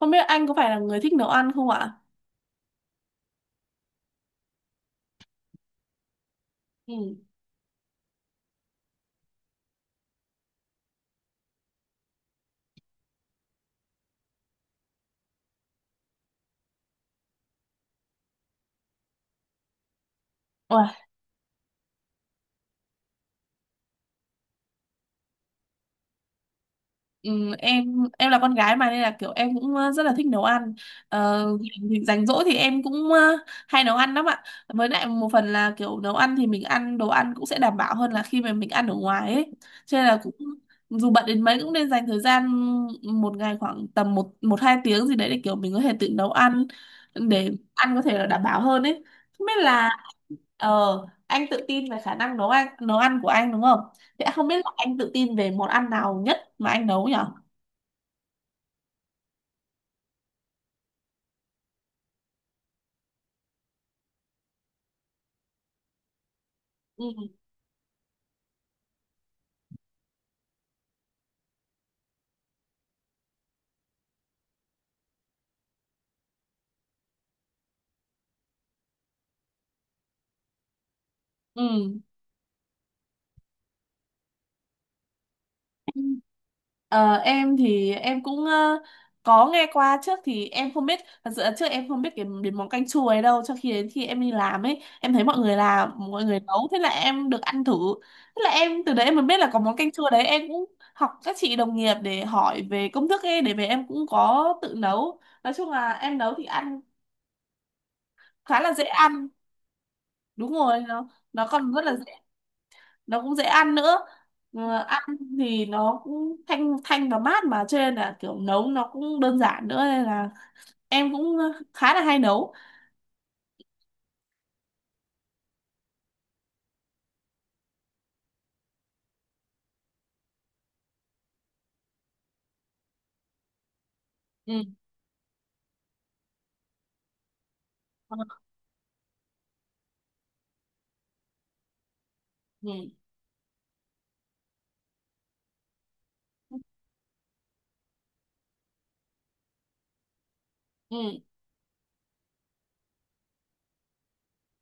Không biết anh có phải là người thích nấu ăn không ạ? Ừ. Ủa, ừ, em em là con gái mà nên là kiểu em cũng rất là thích nấu ăn. Ờ, thì rảnh rỗi thì em cũng hay nấu ăn lắm ạ. Với lại một phần là kiểu nấu ăn thì mình ăn đồ ăn cũng sẽ đảm bảo hơn là khi mà mình ăn ở ngoài ấy. Cho nên là cũng dù bận đến mấy cũng nên dành thời gian một ngày khoảng tầm một một hai tiếng gì đấy để kiểu mình có thể tự nấu ăn, để ăn có thể là đảm bảo hơn ấy. Không biết là, Ờ, anh tự tin về khả năng nấu ăn của anh đúng không? Thế không biết là anh tự tin về món ăn nào nhất mà anh nấu nhở? Ừ. Ừ. Ờ, em thì em cũng có nghe qua trước, thì em không biết thật sự là trước em không biết cái đến món canh chua ấy đâu, cho khi đến khi em đi làm ấy, em thấy mọi người làm, mọi người nấu, thế là em được ăn thử. Thế là em từ đấy em mới biết là có món canh chua đấy. Em cũng học các chị đồng nghiệp để hỏi về công thức ấy để về em cũng có tự nấu. Nói chung là em nấu thì ăn khá là dễ ăn. Đúng rồi, nó còn rất là dễ, nó cũng dễ ăn nữa. Ăn thì nó cũng thanh thanh và mát mà, cho nên là kiểu nấu nó cũng đơn giản nữa, nên là em cũng khá là hay nấu. Ừ. Ờ. Ừ, ừ,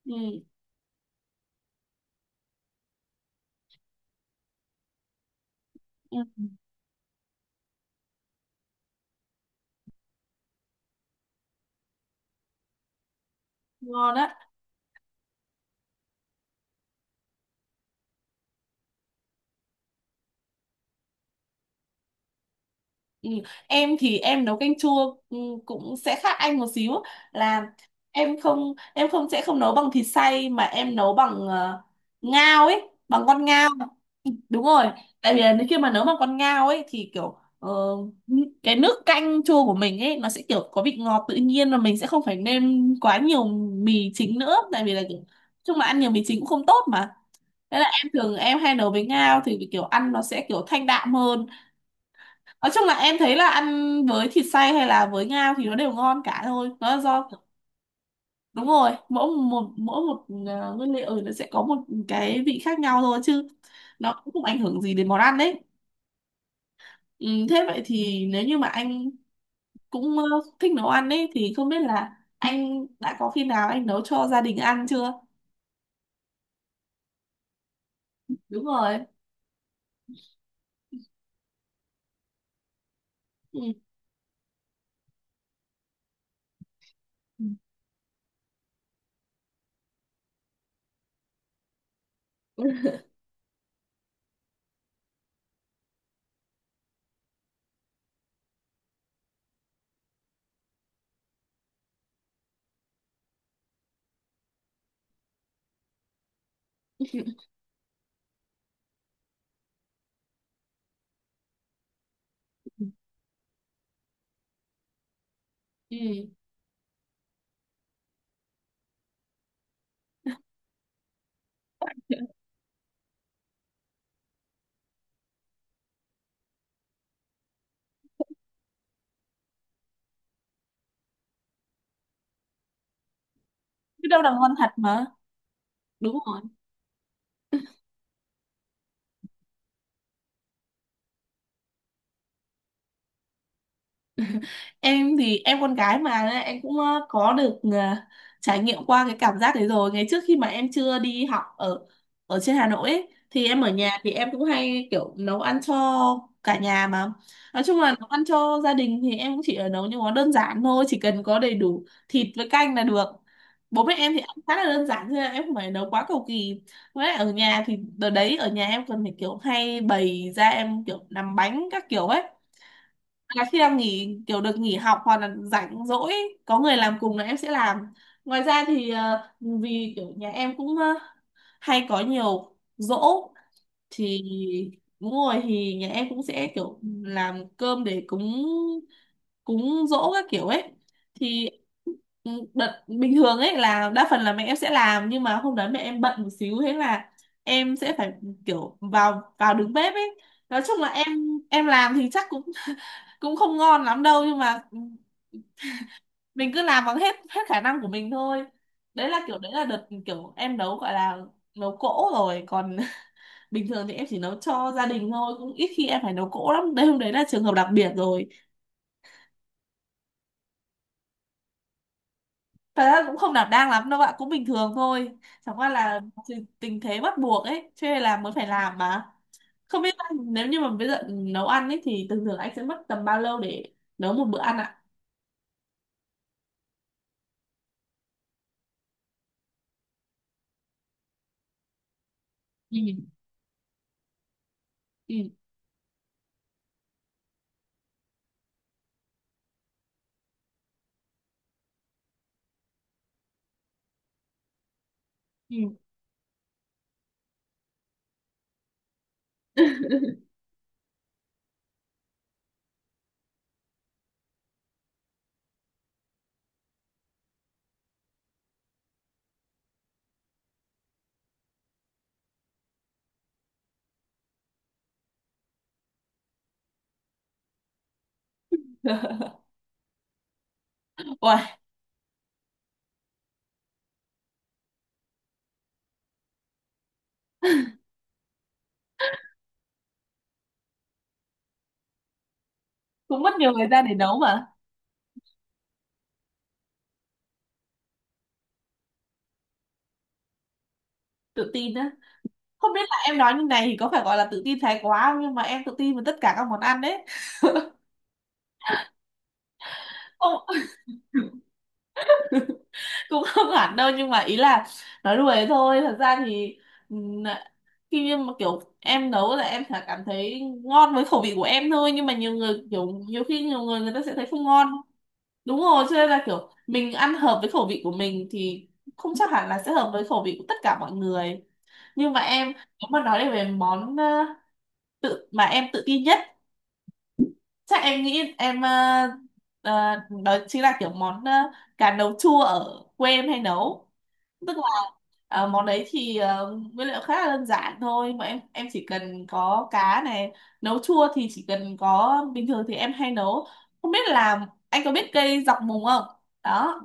ừ, ừ, ngon đấy. ừ. Em thì em nấu canh chua, cũng sẽ khác anh một xíu, là em không sẽ không nấu bằng thịt xay mà em nấu bằng ngao ấy, bằng con ngao. Đúng rồi. Tại vì là khi mà nấu mà con ngao ấy thì kiểu cái nước canh chua của mình ấy nó sẽ kiểu có vị ngọt tự nhiên và mình sẽ không phải nêm quá nhiều mì chính nữa. Tại vì là kiểu chung là ăn nhiều mì chính cũng không tốt mà. Thế là em thường em hay nấu với ngao thì kiểu ăn nó sẽ kiểu thanh đạm hơn. Nói chung là em thấy là ăn với thịt xay hay là với ngao thì nó đều ngon cả thôi, nó là do, đúng rồi, mỗi một nguyên liệu nó sẽ có một cái vị khác nhau thôi chứ nó cũng không ảnh hưởng gì đến món ăn đấy. Ừ, thế vậy thì nếu như mà anh cũng thích nấu ăn ấy thì không biết là anh đã có khi nào anh nấu cho gia đình ăn chưa? Đúng rồi. Ừ. Ừ. Ừ. Biết đâu là ngon thật mà. Đúng rồi. Em thì em con gái mà nên em cũng có được trải nghiệm qua cái cảm giác đấy rồi. Ngày trước khi mà em chưa đi học ở ở trên Hà Nội ấy, thì em ở nhà thì em cũng hay kiểu nấu ăn cho cả nhà mà. Nói chung là nấu ăn cho gia đình thì em cũng chỉ ở nấu những món đơn giản thôi, chỉ cần có đầy đủ thịt với canh là được. Bố mẹ em thì ăn khá là đơn giản thôi, em không phải nấu quá cầu kỳ. Với lại ở nhà thì đợt đấy ở nhà em còn phải kiểu hay bày ra, em kiểu làm bánh các kiểu ấy, là khi em nghỉ kiểu được nghỉ học hoặc là rảnh rỗi có người làm cùng là em sẽ làm. Ngoài ra thì vì kiểu nhà em cũng hay có nhiều giỗ, thì, đúng rồi, thì nhà em cũng sẽ kiểu làm cơm để cúng, cúng giỗ các kiểu ấy thì, ừ, đợt bình thường ấy là đa phần là mẹ em sẽ làm, nhưng mà hôm đấy mẹ em bận một xíu, thế là em sẽ phải kiểu vào vào đứng bếp ấy. Nói chung là em làm thì chắc cũng cũng không ngon lắm đâu, nhưng mà, ừ, mình cứ làm bằng hết hết khả năng của mình thôi. Đấy là kiểu đấy là đợt kiểu em nấu gọi là nấu cỗ rồi, còn bình thường thì em chỉ nấu cho gia đình thôi, cũng ít khi em phải nấu cỗ lắm, đấy hôm đấy là trường hợp đặc biệt rồi. Thật ra cũng không đảm đang lắm đâu bạn, cũng bình thường thôi, chẳng qua là, thì- tình thế bắt buộc ấy cho nên là mới phải làm mà. Không biết anh, nếu như mà bây giờ nấu ăn ấy thì thường thường anh sẽ mất tầm bao lâu để nấu một bữa ăn ạ? Ừ. Ừ. Ừ. Uầy, cũng mất nhiều thời gian để nấu mà. Tự tin á? Không biết là em nói như này thì có phải gọi là tự tin thái quá không, nhưng mà em tự tin với tất cả các món ăn đấy. Không, cũng không hẳn đâu, nhưng mà ý là nói đùa thôi, thật ra thì, ừm, khi như mà kiểu em nấu là em sẽ cảm thấy ngon với khẩu vị của em thôi, nhưng mà nhiều người kiểu, nhiều khi nhiều người người ta sẽ thấy không ngon. Đúng rồi, cho nên là kiểu mình ăn hợp với khẩu vị của mình thì không chắc hẳn là sẽ hợp với khẩu vị của tất cả mọi người. Nhưng mà em, nếu mà nói về món tự mà em tự tin nhất, chắc em nghĩ em, ờ, đó chính là kiểu món, cá nấu chua, ở quê em hay nấu. Tức, món đấy thì nguyên liệu khá là đơn giản thôi, mà em chỉ cần có cá này, nấu chua thì chỉ cần có bình thường thì em hay nấu, không biết là anh có biết cây dọc mùng không? Đó.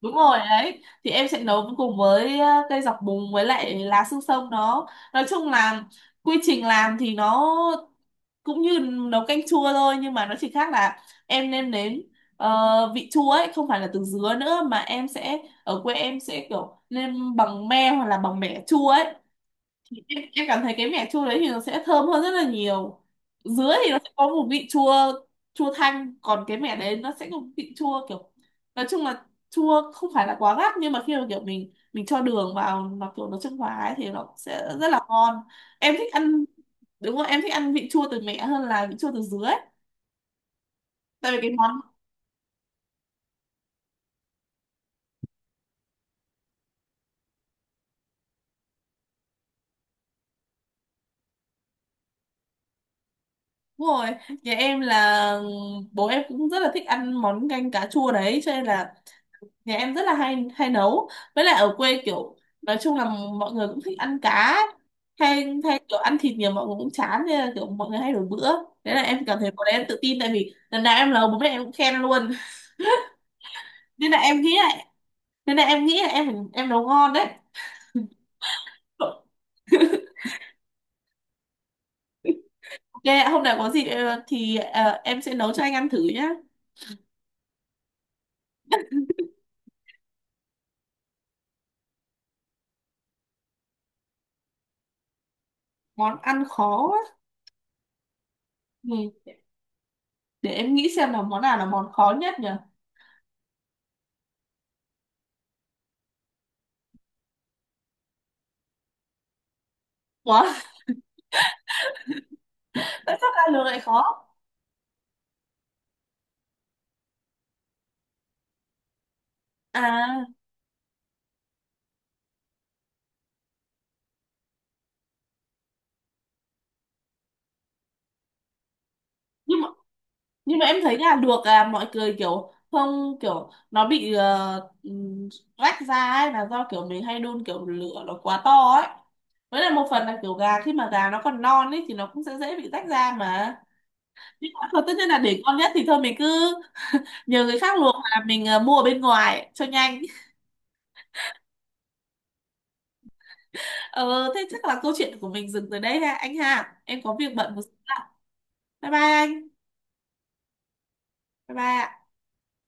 Đúng rồi đấy, thì em sẽ nấu cùng với cây dọc mùng với lại lá xương sông nó, nói chung là quy trình làm thì nó cũng như nấu canh chua thôi, nhưng mà nó chỉ khác là em nêm nếm vị chua ấy không phải là từ dứa nữa, mà em sẽ, ở quê em sẽ kiểu nêm bằng me hoặc là bằng mẻ chua ấy. Em cảm thấy cái mẻ chua đấy thì nó sẽ thơm hơn rất là nhiều. Dứa thì nó sẽ có một vị chua, chua thanh, còn cái mẻ đấy nó sẽ có một vị chua kiểu, nói chung là chua không phải là quá gắt, nhưng mà khi mà kiểu mình cho đường vào nó kiểu nó trung hòa ấy thì nó sẽ rất là ngon. Em thích ăn, đúng rồi, em thích ăn vị chua từ mẹ hơn là vị chua từ dứa ấy. Tại vì cái món, đúng rồi, nhà em là, bố em cũng rất là thích ăn món canh cá chua đấy, cho nên là nhà em rất là hay hay nấu. Với lại ở quê kiểu, nói chung là mọi người cũng thích ăn cá ấy. Hay hay kiểu ăn thịt nhiều mọi người cũng chán, nên là kiểu mọi người hay đổi bữa. Đấy là em cảm thấy bọn em tự tin, tại vì lần nào em nấu bố mẹ em cũng khen luôn. Nên là em nghĩ lại, nên là em nghĩ là em nấu ngon đấy. Ok ạ, hôm nào có gì thì em sẽ nấu cho anh ăn thử nhá. Món ăn khó á? Ừ. Để em nghĩ xem là món nào là món khó nhất nhỉ. Ủa. Tại sao ra lường lại khó? À, nhưng mà, nhưng mà em thấy gà luộc là mọi người kiểu không, kiểu nó bị rách ra ấy là do kiểu mình hay đun kiểu lửa nó quá to ấy. Với lại một phần là kiểu gà khi mà gà nó còn non ấy thì nó cũng sẽ dễ bị rách ra mà. Nhưng mà thôi, tất nhiên là để ngon nhất thì thôi mình cứ nhờ người khác luộc, là mình mua ở bên ngoài cho nhanh. Ờ Thế chắc là câu chuyện của mình dừng tới đây ha anh, ha em có việc bận một chút ạ. Bye bye anh. Bye bye ạ.